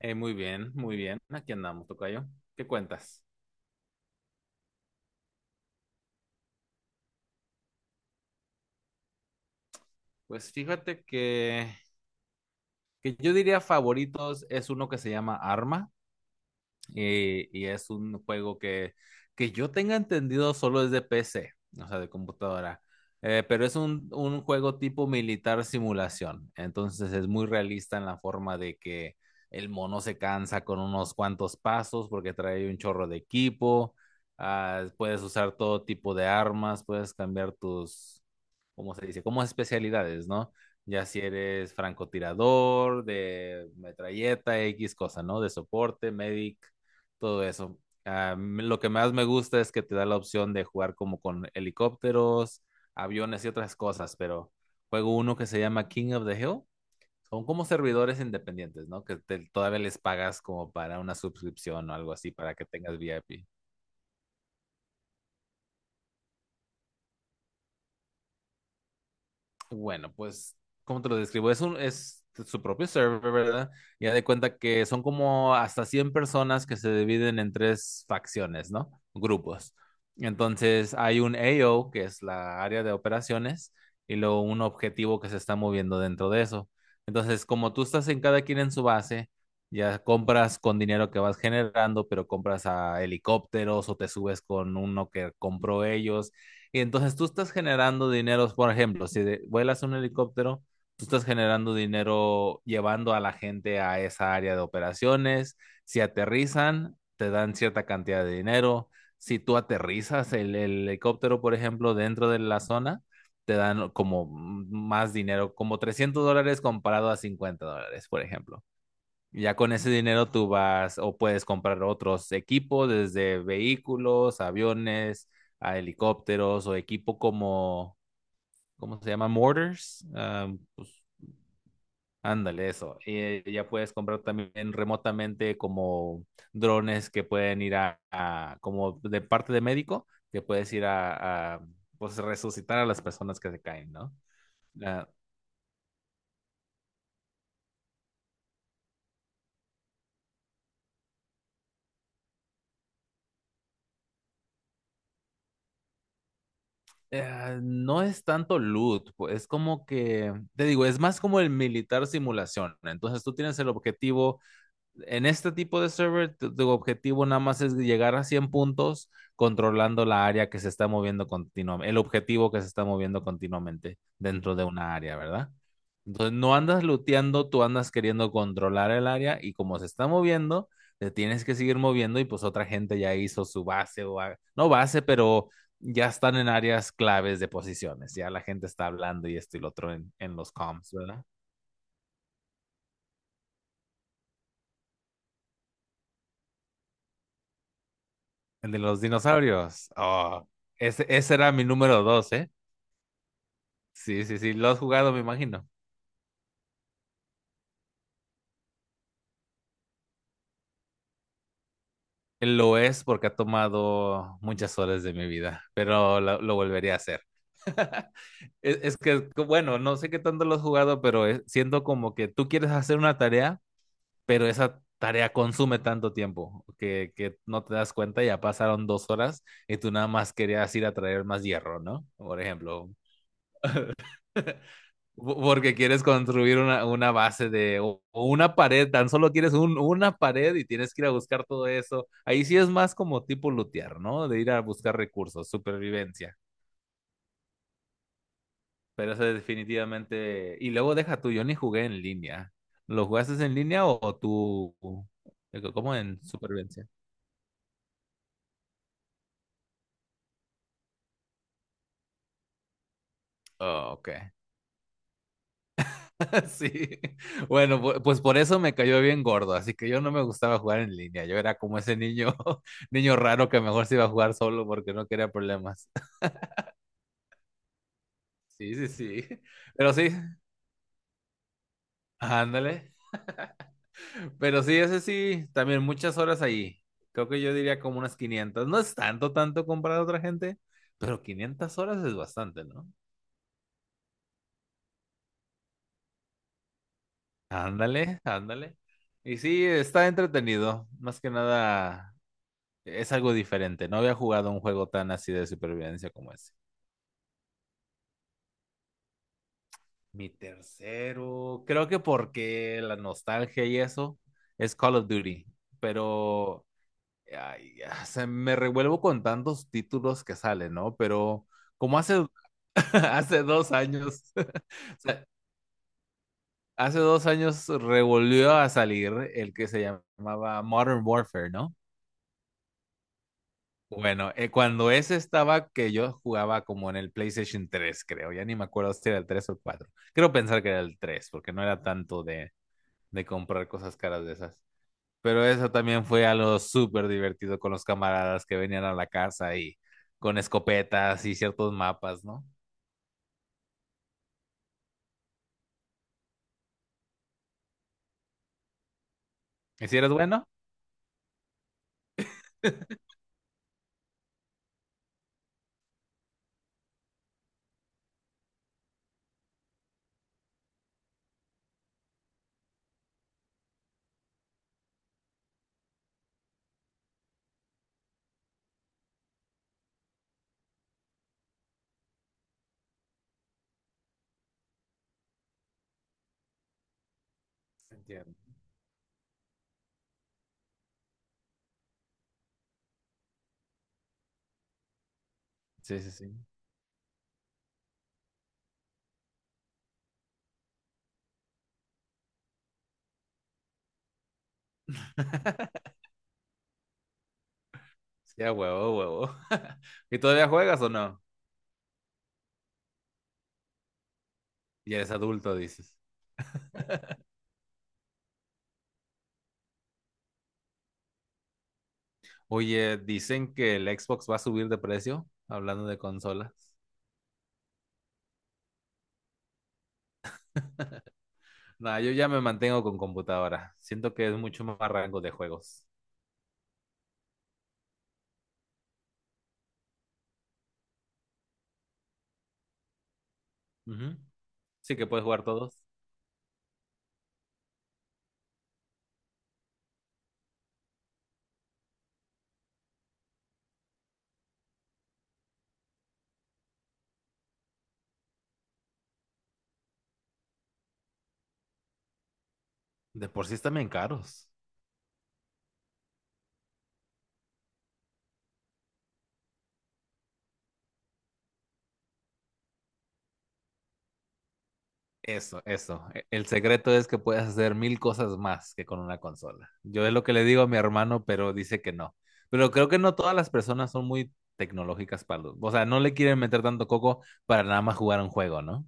Muy bien, muy bien. Aquí andamos, tocayo. ¿Qué cuentas? Pues fíjate que yo diría favoritos es uno que se llama Arma, y es un juego que yo tenga entendido solo es de PC, o sea, de computadora. Pero es un juego tipo militar simulación. Entonces es muy realista en la forma de que el mono se cansa con unos cuantos pasos porque trae un chorro de equipo. Ah, puedes usar todo tipo de armas, puedes cambiar tus, cómo se dice, como especialidades, ¿no? Ya si eres francotirador, de metralleta, X cosa, ¿no? De soporte, medic, todo eso. Ah, lo que más me gusta es que te da la opción de jugar como con helicópteros, aviones y otras cosas, pero juego uno que se llama King of the Hill. Son como servidores independientes, ¿no? Todavía les pagas como para una suscripción o algo así para que tengas VIP. Bueno, pues, ¿cómo te lo describo? Es su propio server, ¿verdad? Ya de cuenta que son como hasta 100 personas que se dividen en tres facciones, ¿no? Grupos. Entonces, hay un AO, que es la área de operaciones, y luego un objetivo que se está moviendo dentro de eso. Entonces, como tú estás en cada quien en su base, ya compras con dinero que vas generando, pero compras a helicópteros o te subes con uno que compró ellos y entonces tú estás generando dinero, por ejemplo, si vuelas un helicóptero, tú estás generando dinero llevando a la gente a esa área de operaciones. Si aterrizan, te dan cierta cantidad de dinero. Si tú aterrizas el helicóptero, por ejemplo, dentro de la zona, te dan como más dinero, como $300 comparado a $50, por ejemplo. Ya con ese dinero tú vas o puedes comprar otros equipos, desde vehículos, aviones, a helicópteros o equipo como, ¿cómo se llama? Mortars. Ah, pues, ándale, eso. Y ya puedes comprar también remotamente como drones que pueden ir como de parte de médico, que puedes ir a, pues resucitar a las personas que se caen, ¿no? Ah. No es tanto loot, pues, es como que, te digo, es más como el militar simulación. Entonces tú tienes el objetivo en este tipo de server, tu objetivo nada más es llegar a 100 puntos controlando la área que se está moviendo continuamente, el objetivo que se está moviendo continuamente dentro de una área, ¿verdad? Entonces no andas looteando, tú andas queriendo controlar el área y como se está moviendo, te tienes que seguir moviendo y pues otra gente ya hizo su base no base, pero ya están en áreas claves de posiciones, ya la gente está hablando y esto y lo otro en los comms, ¿verdad? El de los dinosaurios. Oh, ese era mi número dos, ¿eh? Sí, sí, sí, lo has jugado, me imagino. Lo es porque ha tomado muchas horas de mi vida, pero lo volvería a hacer. Es que, bueno, no sé qué tanto lo has jugado, pero siento como que tú quieres hacer una tarea, pero esa tarea consume tanto tiempo que no te das cuenta, ya pasaron 2 horas y tú nada más querías ir a traer más hierro, ¿no? Por ejemplo, porque quieres construir una base de o una pared, tan solo quieres una pared y tienes que ir a buscar todo eso. Ahí sí es más como tipo lootear, ¿no? De ir a buscar recursos, supervivencia. Pero eso es definitivamente. Y luego deja tú, yo ni jugué en línea. ¿Lo jugaste en línea o tú? ¿Cómo, en supervivencia? Oh, ok. Sí, bueno, pues por eso me cayó bien gordo, así que yo no me gustaba jugar en línea, yo era como ese niño, niño raro que mejor se iba a jugar solo porque no quería problemas. Sí, sí, sí, pero sí, ándale, pero sí, ese sí, también muchas horas ahí, creo que yo diría como unas 500, no es tanto, tanto comparado a otra gente, pero 500 horas es bastante, ¿no? Ándale, ándale, y sí, está entretenido, más que nada. Es algo diferente. No había jugado un juego tan así de supervivencia como ese. Mi tercero, creo que porque la nostalgia y eso es Call of Duty, pero ay, ya, se me revuelvo con tantos títulos que salen, ¿no? Pero como hace, hace 2 años, o sea, hace 2 años revolvió a salir el que se llamaba Modern Warfare, ¿no? Bueno, cuando ese estaba que yo jugaba como en el PlayStation 3, creo, ya ni me acuerdo si era el 3 o el 4. Creo pensar que era el 3, porque no era tanto de comprar cosas caras de esas. Pero eso también fue algo súper divertido con los camaradas que venían a la casa y con escopetas y ciertos mapas, ¿no? ¿Y si eres bueno? Entiendo. Sí, sí, sí. Sí, a huevo, a huevo. ¿Y todavía juegas o no? Ya eres adulto, dices. Oye, dicen que el Xbox va a subir de precio, hablando de consolas. Nah, yo ya me mantengo con computadora. Siento que es mucho más rango de juegos. Ujú. Sí que puedes jugar todos. De por sí están bien caros. Eso, eso. El secreto es que puedes hacer mil cosas más que con una consola. Yo es lo que le digo a mi hermano, pero dice que no. Pero creo que no todas las personas son muy tecnológicas para o sea, no le quieren meter tanto coco para nada más jugar un juego, ¿no?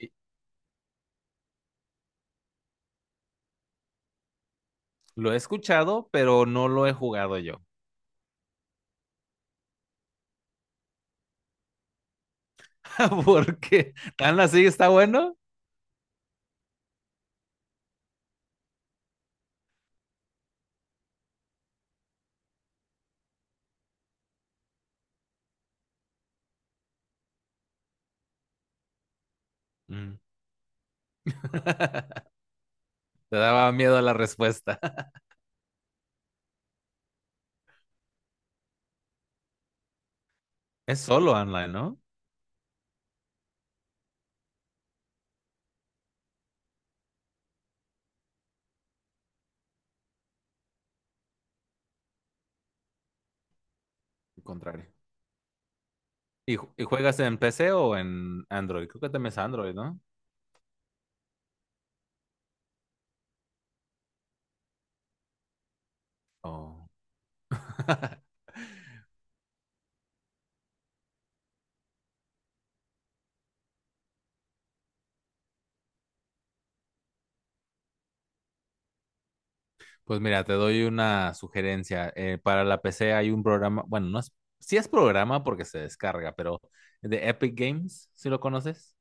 Y- Lo he escuchado, pero no lo he jugado yo. Porque tan así está bueno. Mm. Te daba miedo la respuesta. Es solo online, ¿no? Al contrario. ¿Y, y juegas en PC o en Android? Creo que también es Android, ¿no? Oh. Pues mira, te doy una sugerencia. Para la PC hay un programa, bueno, no es, sí es programa porque se descarga, pero de Epic Games, ¿sí lo conoces?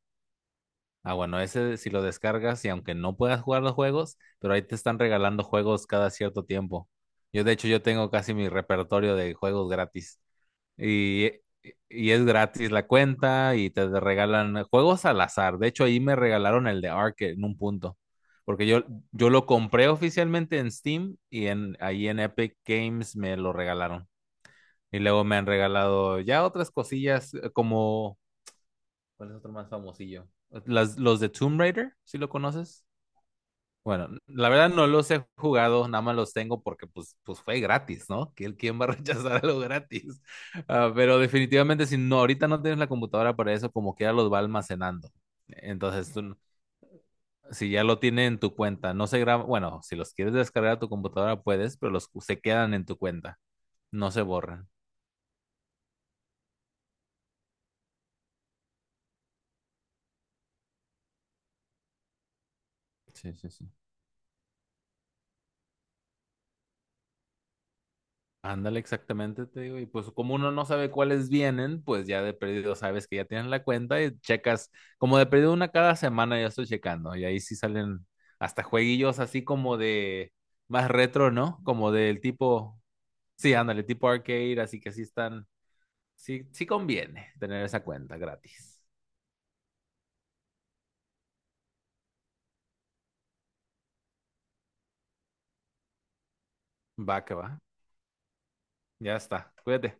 Ah, bueno, ese si lo descargas y aunque no puedas jugar los juegos, pero ahí te están regalando juegos cada cierto tiempo. Yo, de hecho, yo tengo casi mi repertorio de juegos gratis. Y, eh, y es gratis la cuenta y te regalan juegos al azar. De hecho, ahí me regalaron el de Ark en un punto. Porque yo lo compré oficialmente en Steam y ahí en Epic Games me lo regalaron. Y luego me han regalado ya otras cosillas, como, ¿cuál es otro más famosillo? Los de Tomb Raider, si lo conoces. Bueno, la verdad no los he jugado, nada más los tengo porque pues fue gratis, ¿no? ¿Quién va a rechazar algo gratis? Ah, pero definitivamente si no, ahorita no tienes la computadora para eso, como que ya los va almacenando. Entonces, tú, no- si ya lo tiene en tu cuenta, no se graba, bueno, si los quieres descargar a tu computadora puedes, pero los se quedan en tu cuenta, no se borran. Sí, sí, sí. Ándale, exactamente, te digo. Y pues como uno no sabe cuáles vienen, pues ya de perdido sabes que ya tienen la cuenta y checas, como de perdido una cada semana ya estoy checando. Y ahí sí salen hasta jueguillos así como de más retro, ¿no? Como del tipo, sí, ándale, tipo arcade, así que sí están, sí, sí conviene tener esa cuenta gratis. Va que va, ya está, cuídate.